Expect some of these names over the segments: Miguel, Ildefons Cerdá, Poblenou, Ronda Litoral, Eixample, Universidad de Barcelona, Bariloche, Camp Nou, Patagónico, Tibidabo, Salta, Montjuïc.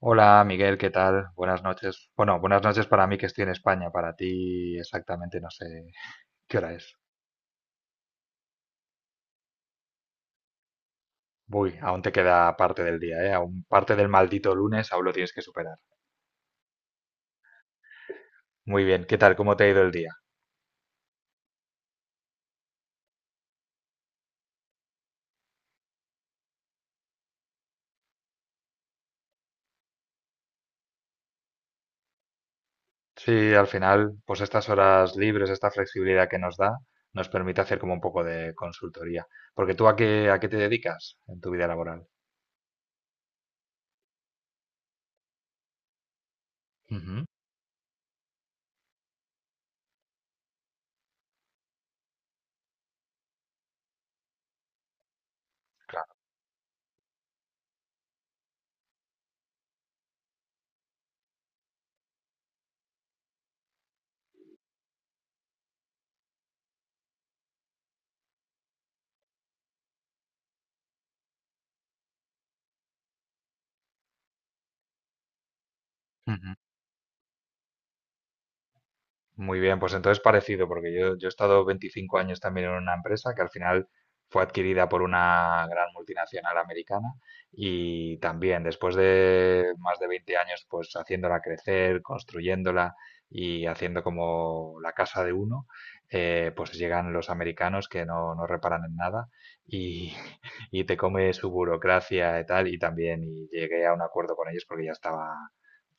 Hola Miguel, ¿qué tal? Buenas noches. Bueno, buenas noches para mí que estoy en España, para ti exactamente no sé qué hora es. Uy, aún te queda parte del día, ¿eh? Aún parte del maldito lunes, aún lo tienes que superar. Muy bien, ¿qué tal? ¿Cómo te ha ido el día? Sí, al final, pues estas horas libres, esta flexibilidad que nos da, nos permite hacer como un poco de consultoría. Porque tú a qué te dedicas en tu vida laboral? Ujú, claro. Muy bien, pues entonces parecido, porque yo he estado 25 años también en una empresa que al final fue adquirida por una gran multinacional americana y también después de más de 20 años pues haciéndola crecer, construyéndola y haciendo como la casa de uno, pues llegan los americanos que no reparan en nada y, y te come su burocracia y tal y también y llegué a un acuerdo con ellos porque ya estaba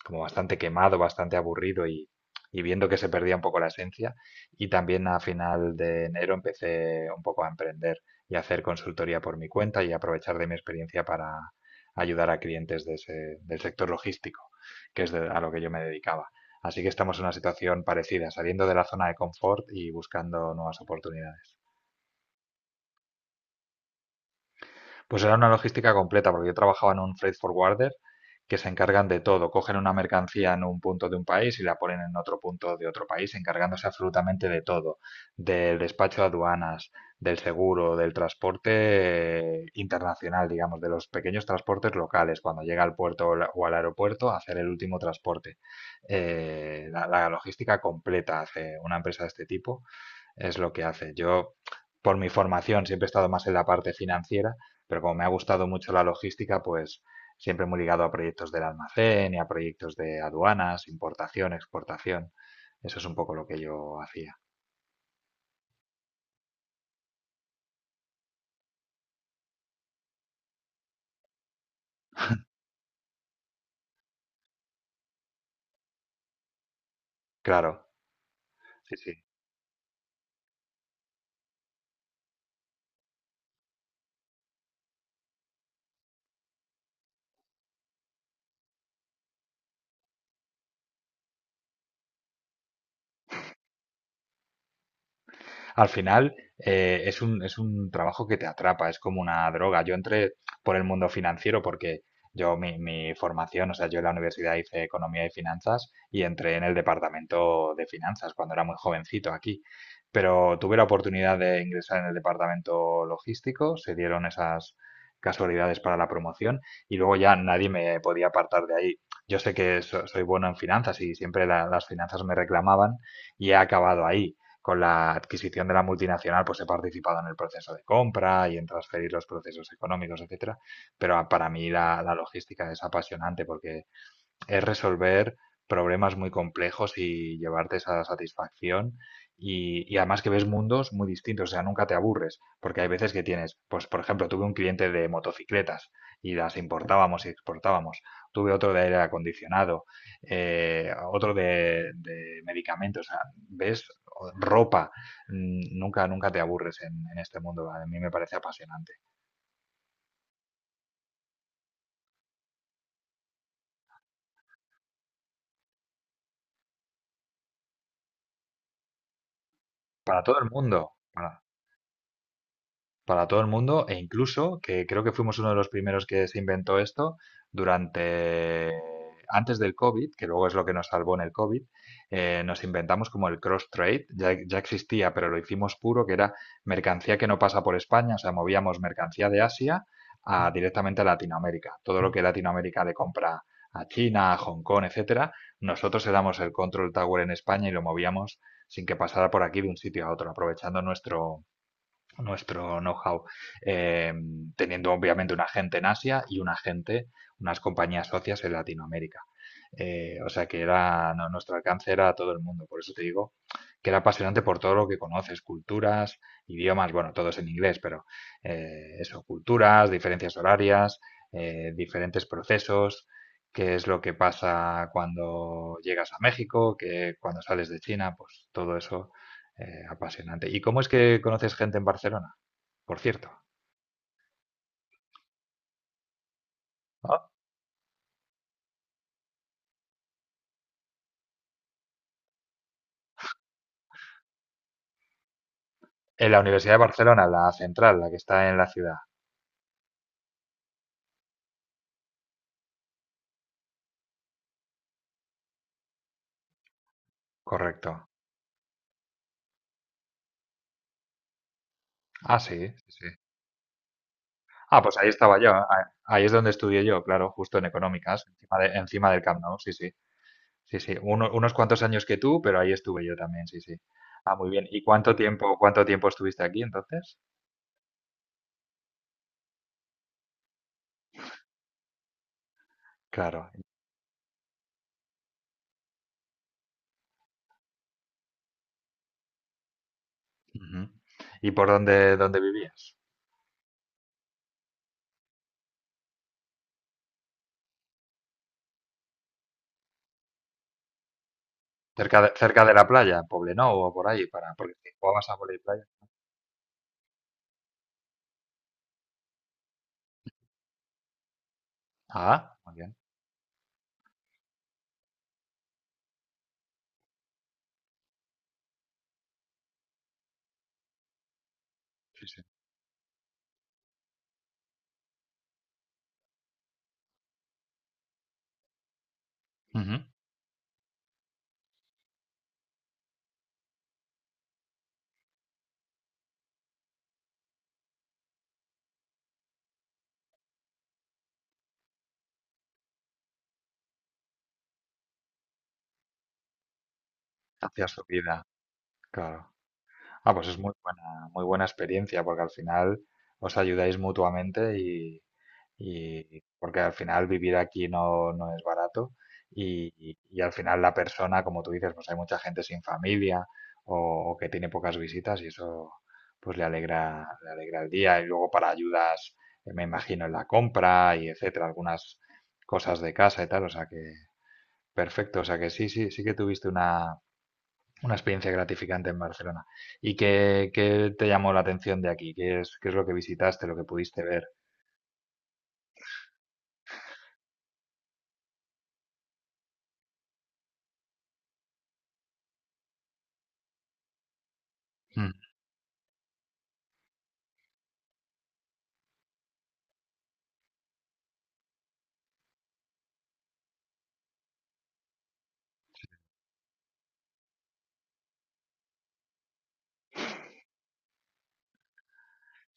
como bastante quemado, bastante aburrido y viendo que se perdía un poco la esencia. Y también a final de enero empecé un poco a emprender y a hacer consultoría por mi cuenta y aprovechar de mi experiencia para ayudar a clientes de del sector logístico, que es a lo que yo me dedicaba. Así que estamos en una situación parecida, saliendo de la zona de confort y buscando nuevas oportunidades. Pues era una logística completa, porque yo trabajaba en un freight forwarder que se encargan de todo. Cogen una mercancía en un punto de un país y la ponen en otro punto de otro país, encargándose absolutamente de todo, del despacho de aduanas, del seguro, del transporte internacional, digamos, de los pequeños transportes locales, cuando llega al puerto o o al aeropuerto, hacer el último transporte. La logística completa hace una empresa de este tipo es lo que hace. Yo, por mi formación, siempre he estado más en la parte financiera, pero como me ha gustado mucho la logística, pues siempre muy ligado a proyectos del almacén y a proyectos de aduanas, importación, exportación. Eso es un poco lo que yo hacía. Claro, sí, sí. Al final es un trabajo que te atrapa, es como una droga. Yo entré por el mundo financiero porque yo mi formación, o sea, yo en la universidad hice economía y finanzas y entré en el departamento de finanzas cuando era muy jovencito aquí. Pero tuve la oportunidad de ingresar en el departamento logístico, se dieron esas casualidades para la promoción y luego ya nadie me podía apartar de ahí. Yo sé que soy bueno en finanzas y siempre las finanzas me reclamaban y he acabado ahí con la adquisición de la multinacional, pues he participado en el proceso de compra y en transferir los procesos económicos, etcétera. Pero para mí la logística es apasionante porque es resolver problemas muy complejos y llevarte esa satisfacción. Y además que ves mundos muy distintos, o sea, nunca te aburres, porque hay veces que tienes, pues por ejemplo, tuve un cliente de motocicletas y las importábamos y exportábamos, tuve otro de aire acondicionado, otro de medicamentos, o sea, ves ropa, nunca, nunca te aburres en este mundo, a mí me parece apasionante. Para todo el mundo, para todo el mundo, e incluso que creo que fuimos uno de los primeros que se inventó esto durante antes del COVID, que luego es lo que nos salvó en el COVID, nos inventamos como el cross trade, ya, ya existía, pero lo hicimos puro, que era mercancía que no pasa por España, o sea, movíamos mercancía de Asia a, directamente a Latinoamérica. Todo lo que Latinoamérica le compra a China, a Hong Kong, etcétera, nosotros éramos el control tower en España y lo movíamos sin que pasara por aquí de un sitio a otro, aprovechando nuestro nuestro know-how, eh, teniendo obviamente un agente en Asia y un agente, unas compañías socias en Latinoamérica. O sea que era no, nuestro alcance era a todo el mundo, por eso te digo que era apasionante por todo lo que conoces, culturas, idiomas, bueno, todos en inglés, pero culturas, diferencias horarias, diferentes procesos, qué es lo que pasa cuando llegas a México, que cuando sales de China, pues todo eso apasionante. ¿Y cómo es que conoces gente en Barcelona? Por cierto. ¿No? En la Universidad de Barcelona, la central, la que está en la ciudad. Correcto. Ah, sí, sí, sí. Ah, pues ahí estaba yo. Ahí es donde estudié yo, claro, justo en económicas, encima, encima del Camp Nou, sí, sí. Sí, sí. Unos cuantos años que tú, pero ahí estuve yo también, sí, sí. Ah, muy bien. ¿Y cuánto tiempo estuviste aquí entonces? Claro. Ujú. ¿Y por dónde vivías? Cerca de la playa, en Poblenou o por ahí? Para, porque si jugabas a voleibol. Ah, muy bien. Sí, sí. Ujú. Hacia su vida, claro. Ah, pues es muy buena experiencia, porque al final os ayudáis mutuamente y porque al final vivir aquí no, no es barato y, y al final la persona, como tú dices, pues hay mucha gente sin familia o que tiene pocas visitas y eso pues le alegra el día y luego para ayudas, me imagino, en la compra y etcétera, algunas cosas de casa y tal, o sea que perfecto, o sea que sí, sí, sí que tuviste una experiencia gratificante en Barcelona. ¿Y qué te llamó la atención de aquí? Qué es lo que visitaste, lo que pudiste ver? Mm.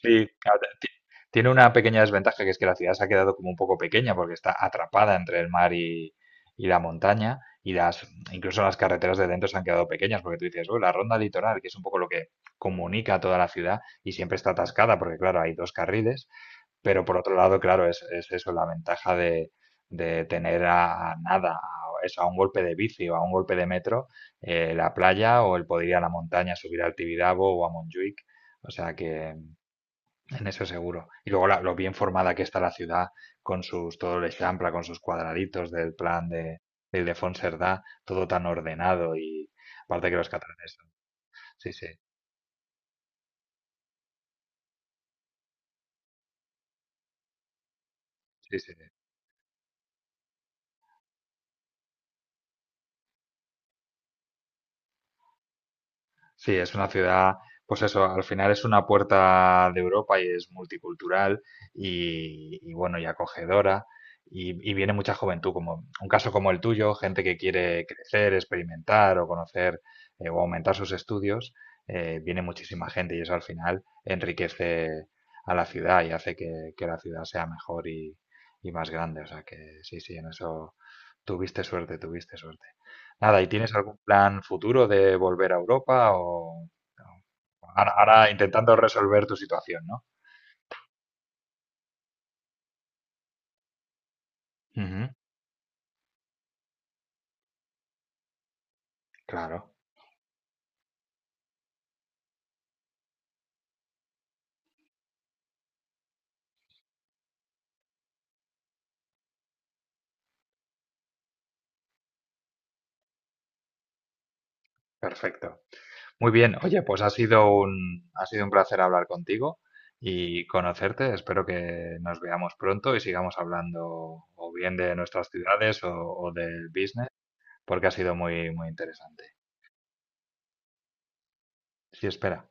Sí, claro, tiene una pequeña desventaja que es que la ciudad se ha quedado como un poco pequeña porque está atrapada entre el mar y la montaña y las incluso las carreteras de dentro se han quedado pequeñas porque tú dices, "Uy, la ronda litoral, que es un poco lo que comunica a toda la ciudad y siempre está atascada porque claro, hay dos carriles. Pero por otro lado, claro, es eso, la ventaja de tener a nada, a, eso, a un golpe de bici o a un golpe de metro, la playa o el poder ir a la montaña, subir al Tibidabo o a Montjuic. O sea que en eso seguro. Y luego lo bien formada que está la ciudad con sus, todo el Eixample, con sus cuadraditos del plan de Ildefons Cerdá, todo tan ordenado y aparte que los catalanes, son- sí, sí, sí, sí. Sí, es una ciudad, pues eso, al final es una puerta de Europa y es multicultural y bueno, y acogedora. Y viene mucha juventud, como un caso como el tuyo, gente que quiere crecer, experimentar o conocer o aumentar sus estudios, viene muchísima gente y eso al final enriquece a la ciudad y hace que la ciudad sea mejor y más grande. O sea que sí, sí, en eso tuviste suerte, tuviste suerte. Nada, ¿y tienes algún plan futuro de volver a Europa o ahora, ahora intentando resolver tu situación, ¿no? Ujú, claro, perfecto. Muy bien, oye, pues ha sido un placer hablar contigo y conocerte. Espero que nos veamos pronto y sigamos hablando o bien de nuestras ciudades o del business, porque ha sido muy, muy interesante. Sí, espera.